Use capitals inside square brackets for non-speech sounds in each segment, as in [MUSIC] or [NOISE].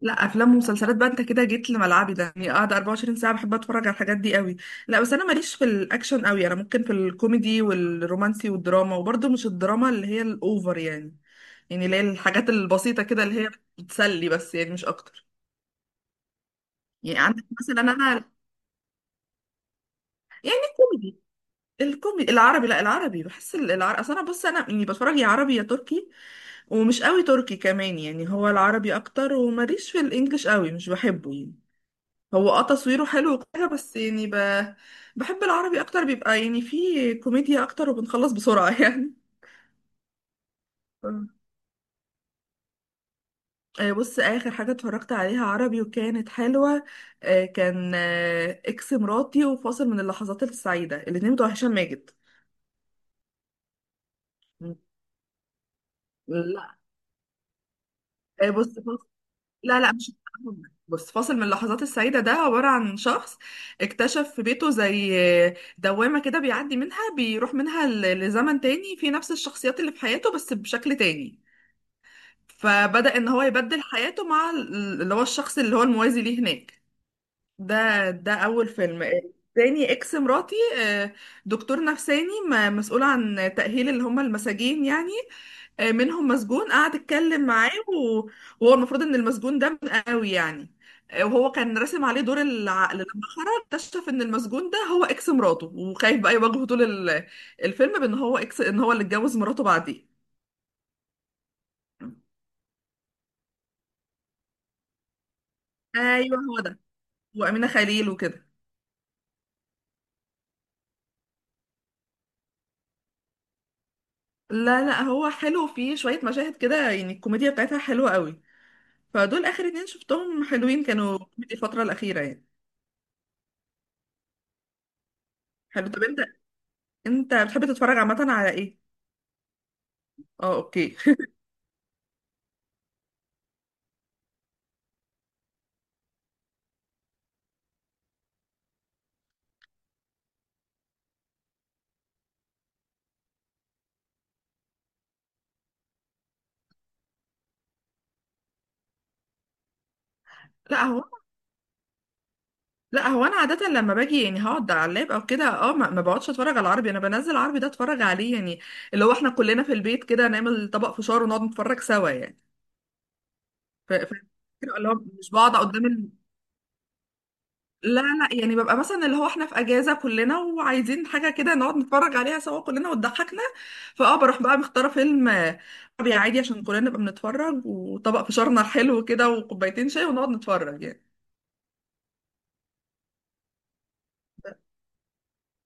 لا، افلام ومسلسلات بقى. انت كده جيت لملعبي ده، يعني قاعده 24 ساعه بحب اتفرج على الحاجات دي قوي. لا بس انا ماليش في الاكشن قوي، انا ممكن في الكوميدي والرومانسي والدراما، وبرضه مش الدراما اللي هي الاوفر يعني. يعني اللي هي الحاجات البسيطه كده، اللي هي بتسلي بس، يعني مش اكتر. يعني عندك مثلا انا، يعني الكوميدي. الكوميدي العربي. لا، العربي. بحس العربي، اصل انا بص، انا يعني بتفرج يا عربي يا تركي، ومش قوي تركي كمان، يعني هو العربي اكتر. وماليش في الانجليش قوي، مش بحبه يعني. هو اه تصويره حلو وكده، بس يعني بحب العربي اكتر، بيبقى يعني فيه كوميديا اكتر وبنخلص بسرعة [LAUGHS] يعني. آه، بص، اخر حاجة اتفرجت عليها عربي وكانت حلوة. كان اكس مراتي وفاصل من اللحظات السعيدة، الاتنين بتوع هشام ماجد. لا. بص، فاصل. لا مش، بص، فاصل من اللحظات السعيدة ده عبارة عن شخص اكتشف في بيته زي دوامة كده، بيعدي منها بيروح منها لزمن تاني في نفس الشخصيات اللي في حياته بس بشكل تاني. فبدأ ان هو يبدل حياته مع اللي هو الشخص اللي هو الموازي ليه هناك. ده اول فيلم. تاني اكس مراتي. آه، دكتور نفساني مسؤول عن تأهيل اللي هم المساجين يعني. منهم مسجون قعد اتكلم معاه وهو المفروض ان المسجون ده من قوي يعني. وهو كان راسم عليه دور العقل، لما خرج اكتشف ان المسجون ده هو اكس مراته، وخايف بقى يواجهه طول ال- الفيلم، بان هو اكس، ان هو اللي اتجوز مراته بعديه. ايوه هو ده، وأمينة خليل وكده. لا لا، هو حلو فيه شوية مشاهد كده، يعني الكوميديا بتاعتها حلوة قوي. فدول آخر اتنين شفتهم حلوين، كانوا كوميدي الفترة الأخيرة يعني. حلو. طب انت، انت بتحب تتفرج عامة على ايه؟ اه اوكي. [LAUGHS] لا هو، لا هو انا عادة لما باجي يعني هقعد على اللاب او كده اه، ما بقعدش اتفرج على العربي. انا بنزل عربي ده اتفرج عليه، يعني اللي هو احنا كلنا في البيت كده نعمل طبق فشار ونقعد نتفرج سوا يعني. ف... ف... اللي هو مش بقعد قدام. لا لا، يعني ببقى مثلا اللي هو احنا في اجازه كلنا وعايزين حاجه كده نقعد نتفرج عليها سوا كلنا وتضحكنا، فاه بروح بقى مختاره فيلم عربي عادي عشان كلنا نبقى بنتفرج، وطبق فشارنا الحلو كده وكوبايتين شاي ونقعد نتفرج يعني.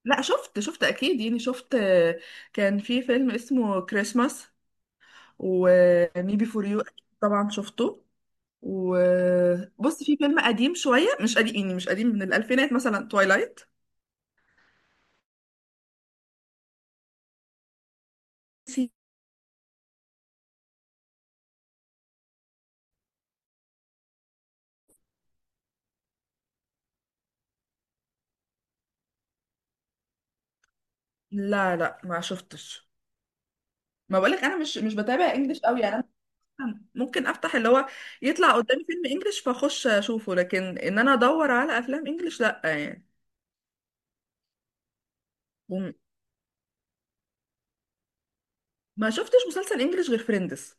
لا شفت، شفت اكيد يعني، شفت. كان في فيلم اسمه كريسماس وميبي فور يو. طبعا شفته. وبص، في فيلم قديم شويه، مش قديم يعني، مش قديم، من الالفينات مثلا، تويلايت. في، لا لا ما شفتش. ما بقولك انا مش بتابع انجليش قوي يعني. انا ممكن افتح اللي هو يطلع قدامي فيلم انجليش فاخش اشوفه، لكن ان انا ادور على افلام انجليش لا يعني. وم- ما شفتش مسلسل انجليش غير فريندز.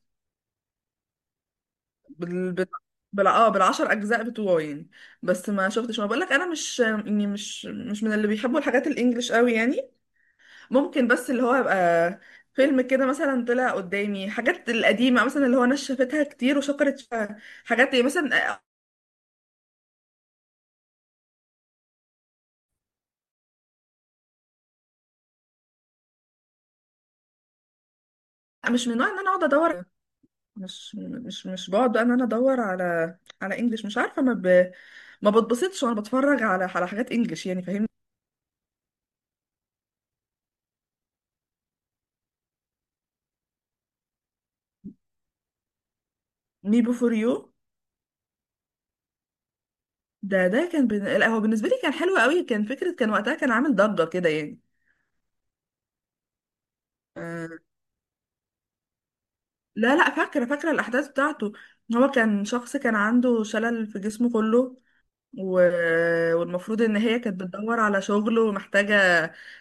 بال بال بال اه بال10 اجزاء بتوعه يعني. بس ما شفتش، ما بقولك انا مش يعني مش من اللي بيحبوا الحاجات الانجليش قوي يعني. ممكن بس اللي هو يبقى فيلم كده مثلا طلع قدامي، حاجات القديمه مثلا، اللي هو ناس شافتها كتير وشكرت فيها. حاجات مثلا مش من النوع ان انا اقعد ادور. مش بقعد بقى ان انا ادور على على انجليش، مش عارفه ما بتبسطش وانا بتفرج على على حاجات انجليش يعني، فاهمني. مي بوفور يو ده، ده كان لا هو بالنسبه لي كان حلو قوي، كان فكره، كان وقتها كان عامل ضجه كده يعني. آه، لا لا، فاكره، فاكره الاحداث بتاعته. هو كان شخص كان عنده شلل في جسمه كله و... والمفروض ان هي كانت بتدور على شغل ومحتاجه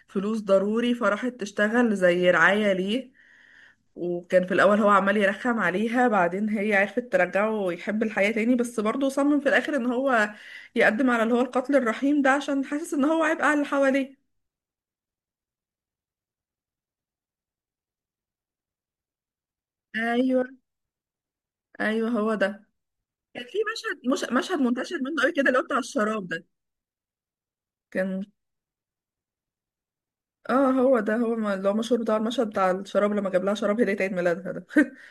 فلوس ضروري، فراحت تشتغل زي رعايه ليه. وكان في الأول هو عمال يرخم عليها، بعدين هي عرفت ترجعه ويحب الحياة تاني، بس برضه صمم في الآخر إن هو يقدم على اللي هو القتل الرحيم ده عشان حاسس إن هو عبء على اللي حواليه. أيوه. أيوه هو ده. كان في مشهد، مش مشهد منتشر منه قوي كده اللي هو بتاع الشراب ده. كان اه هو ده، هو اللي هو مشهور بتاع المشهد بتاع الشراب، لما جاب لها شراب هدية عيد ميلادها ده. [LAUGHS]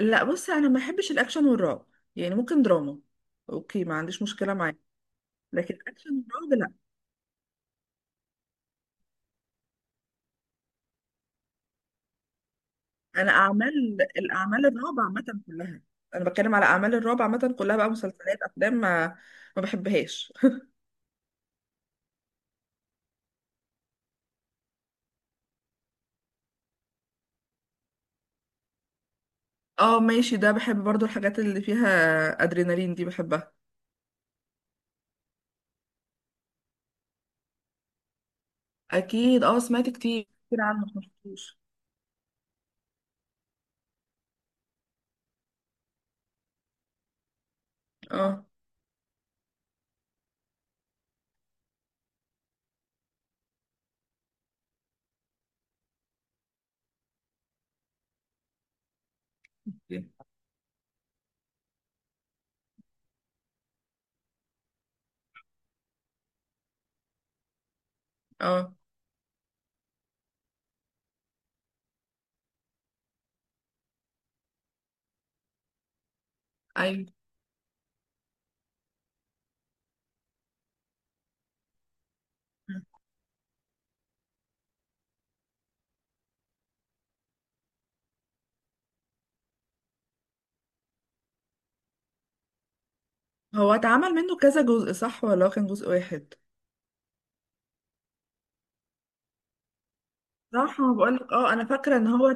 لا بصي، انا ما بحبش الاكشن والرعب. يعني ممكن دراما. اوكي ما عنديش مشكلة معاه، لكن اكشن ورعب لا. انا اعمال، الاعمال الرعب عامه كلها، انا بتكلم على اعمال الرعب عامه كلها بقى، مسلسلات افلام، ما ما بحبهاش. اه ماشي، ده بحب برضو الحاجات اللي فيها ادرينالين دي، بحبها. اكيد، اه سمعت كتير كتير عنه بس ما شفتوش. اه أوكي. اه ايوه، هو اتعمل منه كذا جزء صح، ولا هو كان جزء واحد؟ صح، ما بقولك اه انا فاكره ان هو،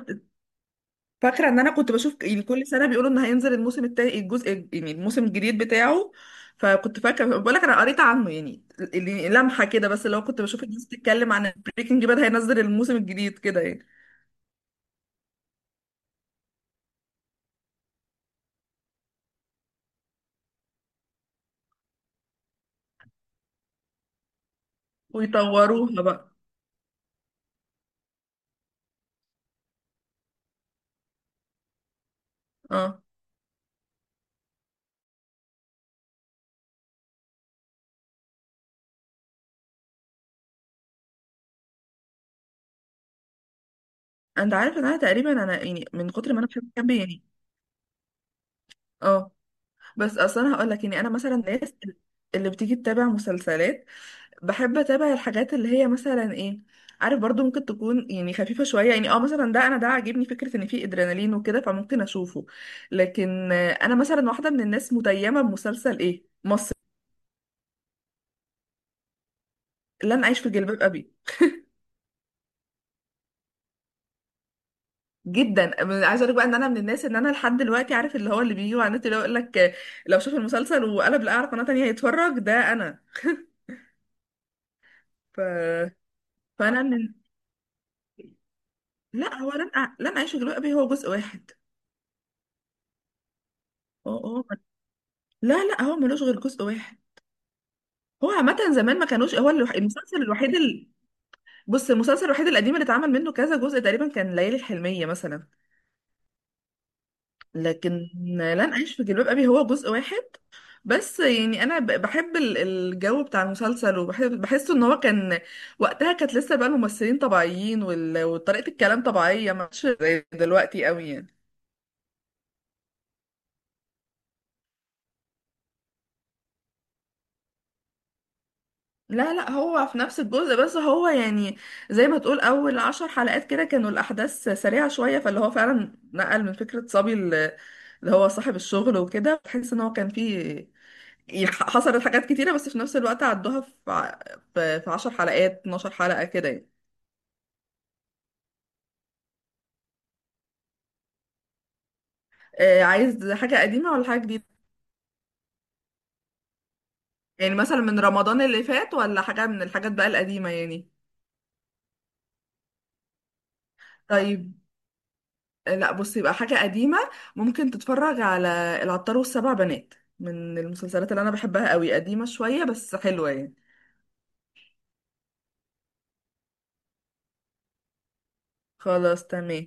فاكره ان انا كنت بشوف يعني كل سنه بيقولوا ان هينزل الموسم التاني، الجزء يعني الموسم الجديد بتاعه. فكنت فاكره، بقول لك انا قريت عنه يعني، اللي، لمحه كده، بس لو كنت بشوف الناس بتتكلم عن بريكنج باد هينزل الموسم الجديد كده يعني. ويطوروها بقى. اه انت عارف ان انا تقريبا، انا يعني من كتر ما انا بحب كامبي يعني. اه بس اصلا هقول لك يعني، انا مثلا الناس اللي بتيجي تتابع مسلسلات، بحب اتابع الحاجات اللي هي مثلا ايه، عارف برضو، ممكن تكون يعني خفيفة شوية، يعني اه مثلا ده انا، ده عاجبني فكرة ان فيه ادرينالين وكده فممكن اشوفه. لكن انا مثلا واحدة من الناس متيمة بمسلسل ايه مصر، لن اعيش في جلباب ابي. جدا، عايزه اقول بقى ان انا من الناس ان انا لحد دلوقتي عارف اللي هو اللي بيجي على النت اللي هو يقول لك لو شاف المسلسل وقلب لقى على قناه تانية يتفرج، ده انا. ف... فانا من لا هو لن اعيش في جلباب ابي هو جزء واحد. اه اه، لا لا هو ملوش غير جزء واحد. هو عامة زمان ما كانوش، هو المسلسل الوحيد بص المسلسل الوحيد القديم اللي اتعمل منه كذا جزء تقريبا كان ليالي الحلمية مثلا. لكن لن أعيش في جلباب أبي هو جزء واحد. بس يعني أنا بحب الجو بتاع المسلسل، وبحب بحسه إن هو كان وقتها، كانت لسه بقى الممثلين طبيعيين، وطريقة الكلام طبيعية، ما كانتش زي دلوقتي قوي يعني. لا لا هو في نفس الجزء، بس هو يعني زي ما تقول اول 10 حلقات كده كانوا الاحداث سريعة شوية، فاللي هو فعلا نقل من فكرة صبي اللي هو صاحب الشغل وكده، تحس ان هو كان فيه، حصلت حاجات كتيرة بس في نفس الوقت عدوها في ع- في في 10 حلقات 12 حلقة كده يعني. عايز حاجة قديمة ولا حاجة جديدة؟ يعني مثلا من رمضان اللي فات، ولا حاجة من الحاجات بقى القديمة يعني؟ طيب. لا بصي، يبقى حاجة قديمة. ممكن تتفرج على العطار والسبع بنات، من المسلسلات اللي أنا بحبها قوي، قديمة شوية بس حلوة يعني. خلاص تمام.